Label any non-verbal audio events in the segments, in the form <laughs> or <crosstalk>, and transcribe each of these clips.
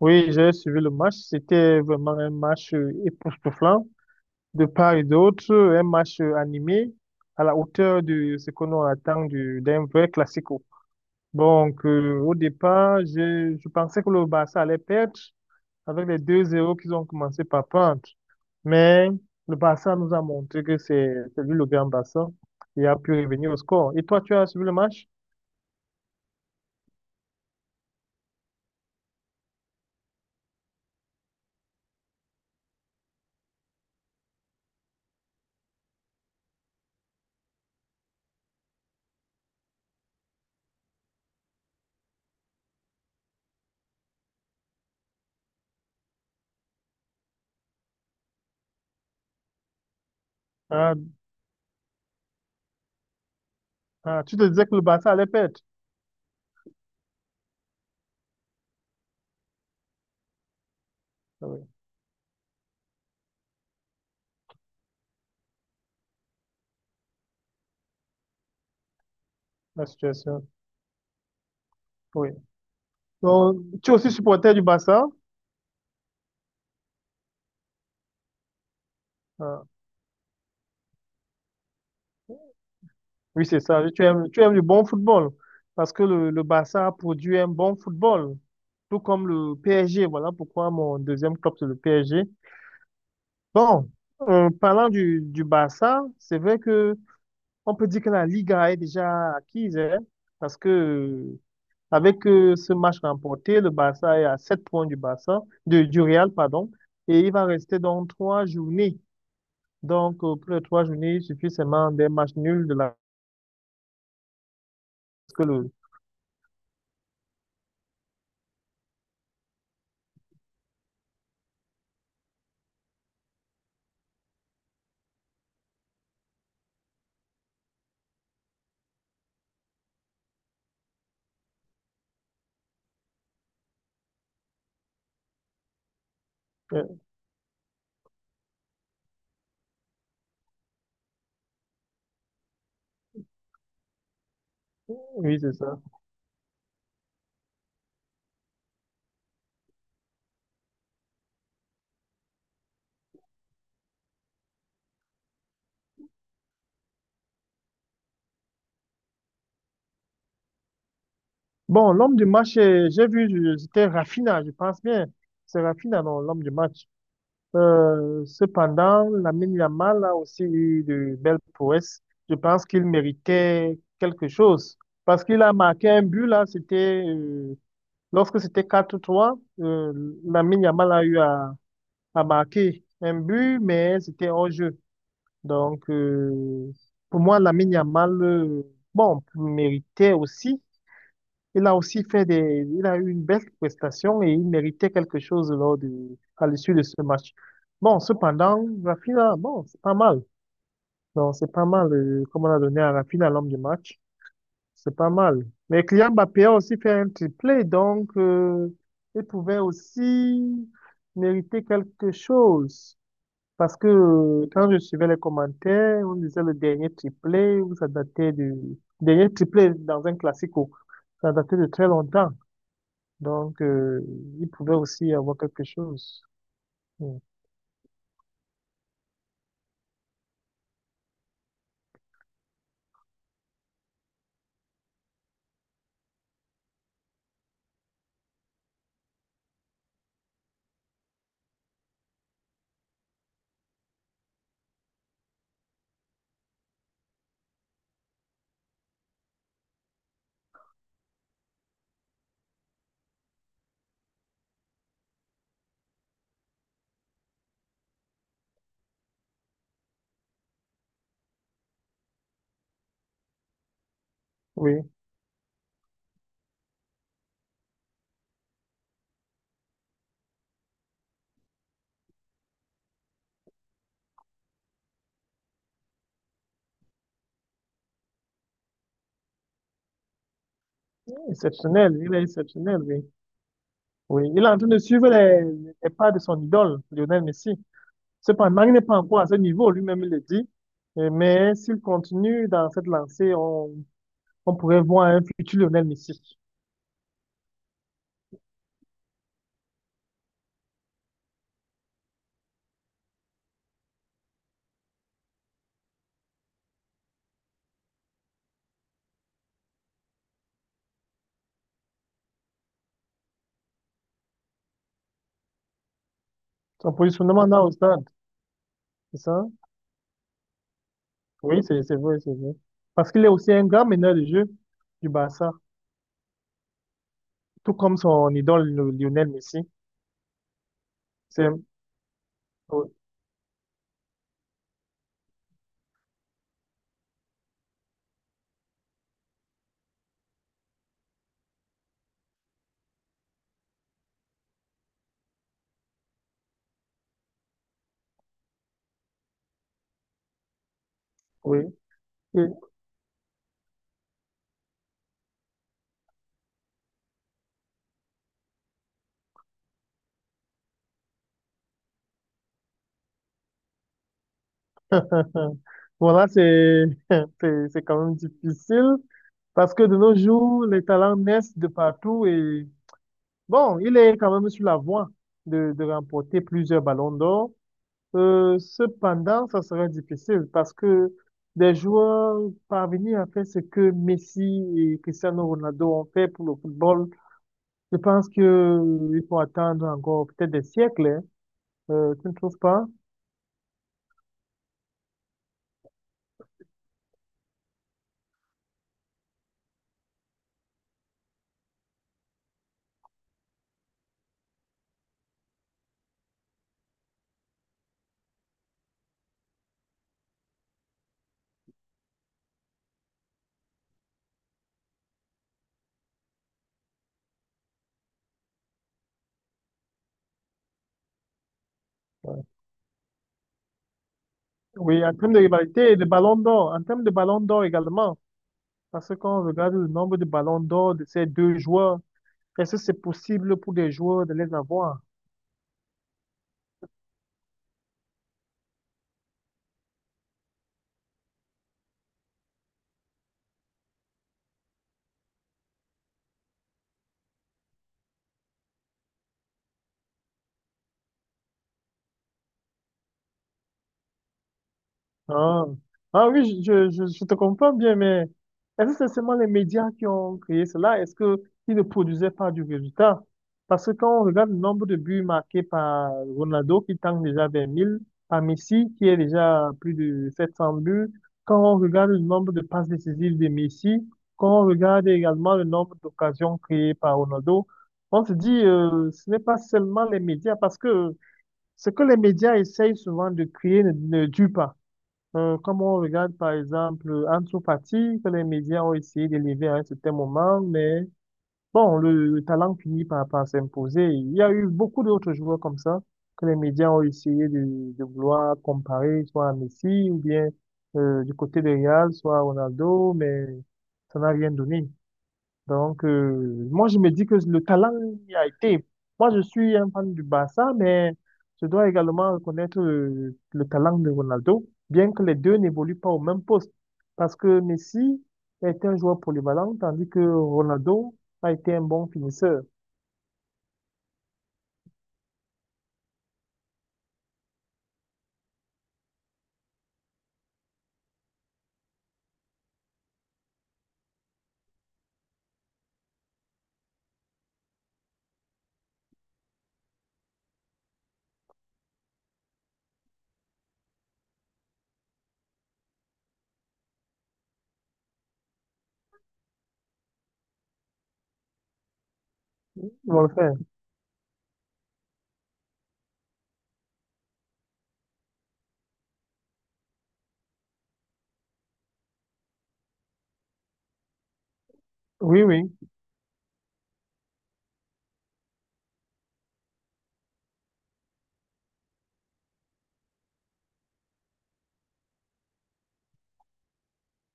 Oui, j'ai suivi le match. C'était vraiment un match époustouflant de part et d'autre, un match animé à la hauteur de ce que l'on attend d'un vrai classico. Donc, au départ, je pensais que le Barça allait perdre avec les deux 0 qu'ils ont commencé par prendre. Mais le Barça nous a montré que c'est lui le grand Barça et a pu revenir au score. Et toi, tu as suivi le match? Ah, ah, tu te disais que le Barça allait perdre? Ah oui, la situation. Oui. Donc, tu es aussi supporter du Barça? Ah, oui, c'est ça. Tu aimes le bon football parce que le Barça produit un bon football, tout comme le PSG. Voilà pourquoi mon deuxième club, c'est le PSG. Bon, en parlant du Barça, c'est vrai que on peut dire que la Liga est déjà acquise, hein, parce que avec ce match remporté, le Barça est à 7 points du Barça, du Real, pardon, et il va rester donc 3 journées. Donc, pour les 3 journées, il suffit seulement des matchs nuls de la. parce que le- euh, oui, c'est ça. Bon, l'homme du match, j'ai vu, c'était Rafinha, je pense bien. C'est Rafinha, non, l'homme du match. Cependant, Lamine Yamal a aussi eu de belles prouesses. Je pense qu'il méritait quelque chose. Parce qu'il a marqué un but, là, lorsque c'était 4-3, Lamine Yamal a eu à a marqué un but, mais c'était hors-jeu. Donc, pour moi, Lamine Yamal, bon, méritait aussi. Il a aussi il a eu une belle prestation et il méritait quelque chose à l'issue de ce match. Bon, cependant, Rafinha, bon, c'est pas mal. Donc, c'est pas mal, comme on a donné à Rafinha l'homme du match. C'est pas mal. Mais Kylian Mbappé a aussi fait un triplé, donc, il pouvait aussi mériter quelque chose. Parce que quand je suivais les commentaires, on disait le dernier triplé, où ça datait du dernier triplé dans un classico, ça datait de très longtemps. Donc, il pouvait aussi y avoir quelque chose. Mm. Oui, exceptionnel, il est exceptionnel, oui. Oui, il est en train de suivre les pas de son idole, Lionel Messi. Cependant, il n'est pas encore à ce niveau, lui-même il le dit. Mais s'il continue dans cette lancée, on pourrait voir un futur Lionel Messi. Son positionnement là au stade, c'est ça? Oui, c'est vrai, c'est vrai. Parce qu'il est aussi un grand meneur de jeu du Barça. Tout comme son idole Lionel Messi. C'est, oui. Et- <laughs> Voilà, <laughs> c'est quand même difficile parce que de nos jours, les talents naissent de partout et bon, il est quand même sur la voie de remporter plusieurs ballons d'or. Cependant, ça serait difficile parce que des joueurs parvenir à faire ce que Messi et Cristiano Ronaldo ont fait pour le football, je pense que il faut attendre encore peut-être des siècles, hein. Tu ne trouves pas? Oui, en termes de rivalité et de ballon d'or, en termes de ballon d'or également, parce que quand on regarde le nombre de ballons d'or de ces deux joueurs, est-ce que c'est possible pour des joueurs de les avoir? Ah, ah oui, je te comprends bien, mais est-ce que c'est seulement les médias qui ont créé cela? Est-ce que ils ne produisaient pas du résultat? Parce que quand on regarde le nombre de buts marqués par Ronaldo, qui tente déjà vers 1000, par Messi, qui est déjà à plus de 700 buts, quand on regarde le nombre de passes décisives de Messi, quand on regarde également le nombre d'occasions créées par Ronaldo, on se dit, ce n'est pas seulement les médias, parce que ce que les médias essayent souvent de créer ne dure pas. Comme on regarde par exemple Ansu Fati, que les médias ont essayé d'élever à un certain moment, mais bon, le talent finit par s'imposer. Il y a eu beaucoup d'autres joueurs comme ça que les médias ont essayé de vouloir comparer, soit à Messi ou bien du côté de Real, soit à Ronaldo, mais ça n'a rien donné. Donc, moi, je me dis que le talent y a été. Moi, je suis un fan du Barça, mais je dois également reconnaître le talent de Ronaldo, bien que les deux n'évoluent pas au même poste. Parce que Messi est un joueur polyvalent, tandis que Ronaldo a été un bon finisseur. Ils vont le faire. Oui, oui,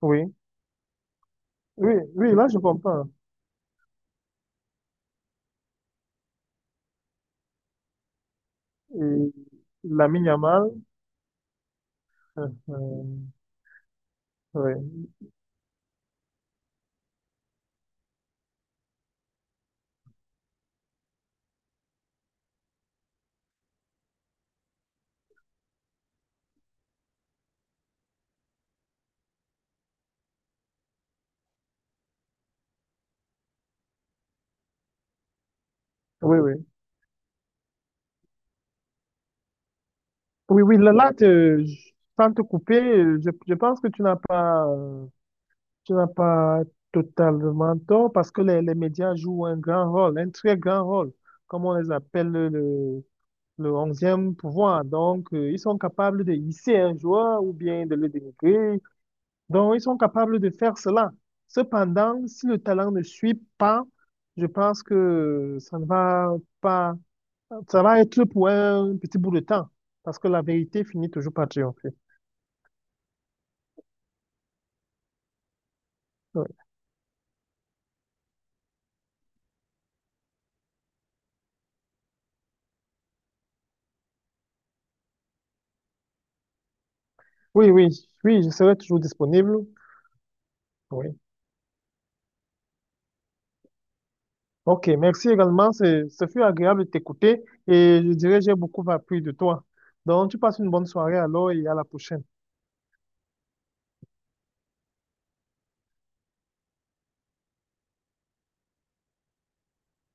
oui, oui, oui, là je comprends. Et Lamine Yamal, euh, euh, oui, oui, oui, oui, oui, là, là, sans te couper, je pense que tu n'as pas totalement tort parce que les médias jouent un grand rôle, un très grand rôle, comme on les appelle le onzième pouvoir. Donc, ils sont capables de hisser un joueur ou bien de le dénigrer. Donc, ils sont capables de faire cela. Cependant, si le talent ne suit pas, je pense que ça ne va pas, ça va être pour un petit bout de temps, parce que la vérité finit toujours par triompher. Oui, oui, oui, oui, je serai toujours disponible. Oui. Ok, merci également. Ce fut agréable de t'écouter et je dirais j'ai beaucoup appris de toi. Donc, tu passes une bonne soirée alors et à la prochaine.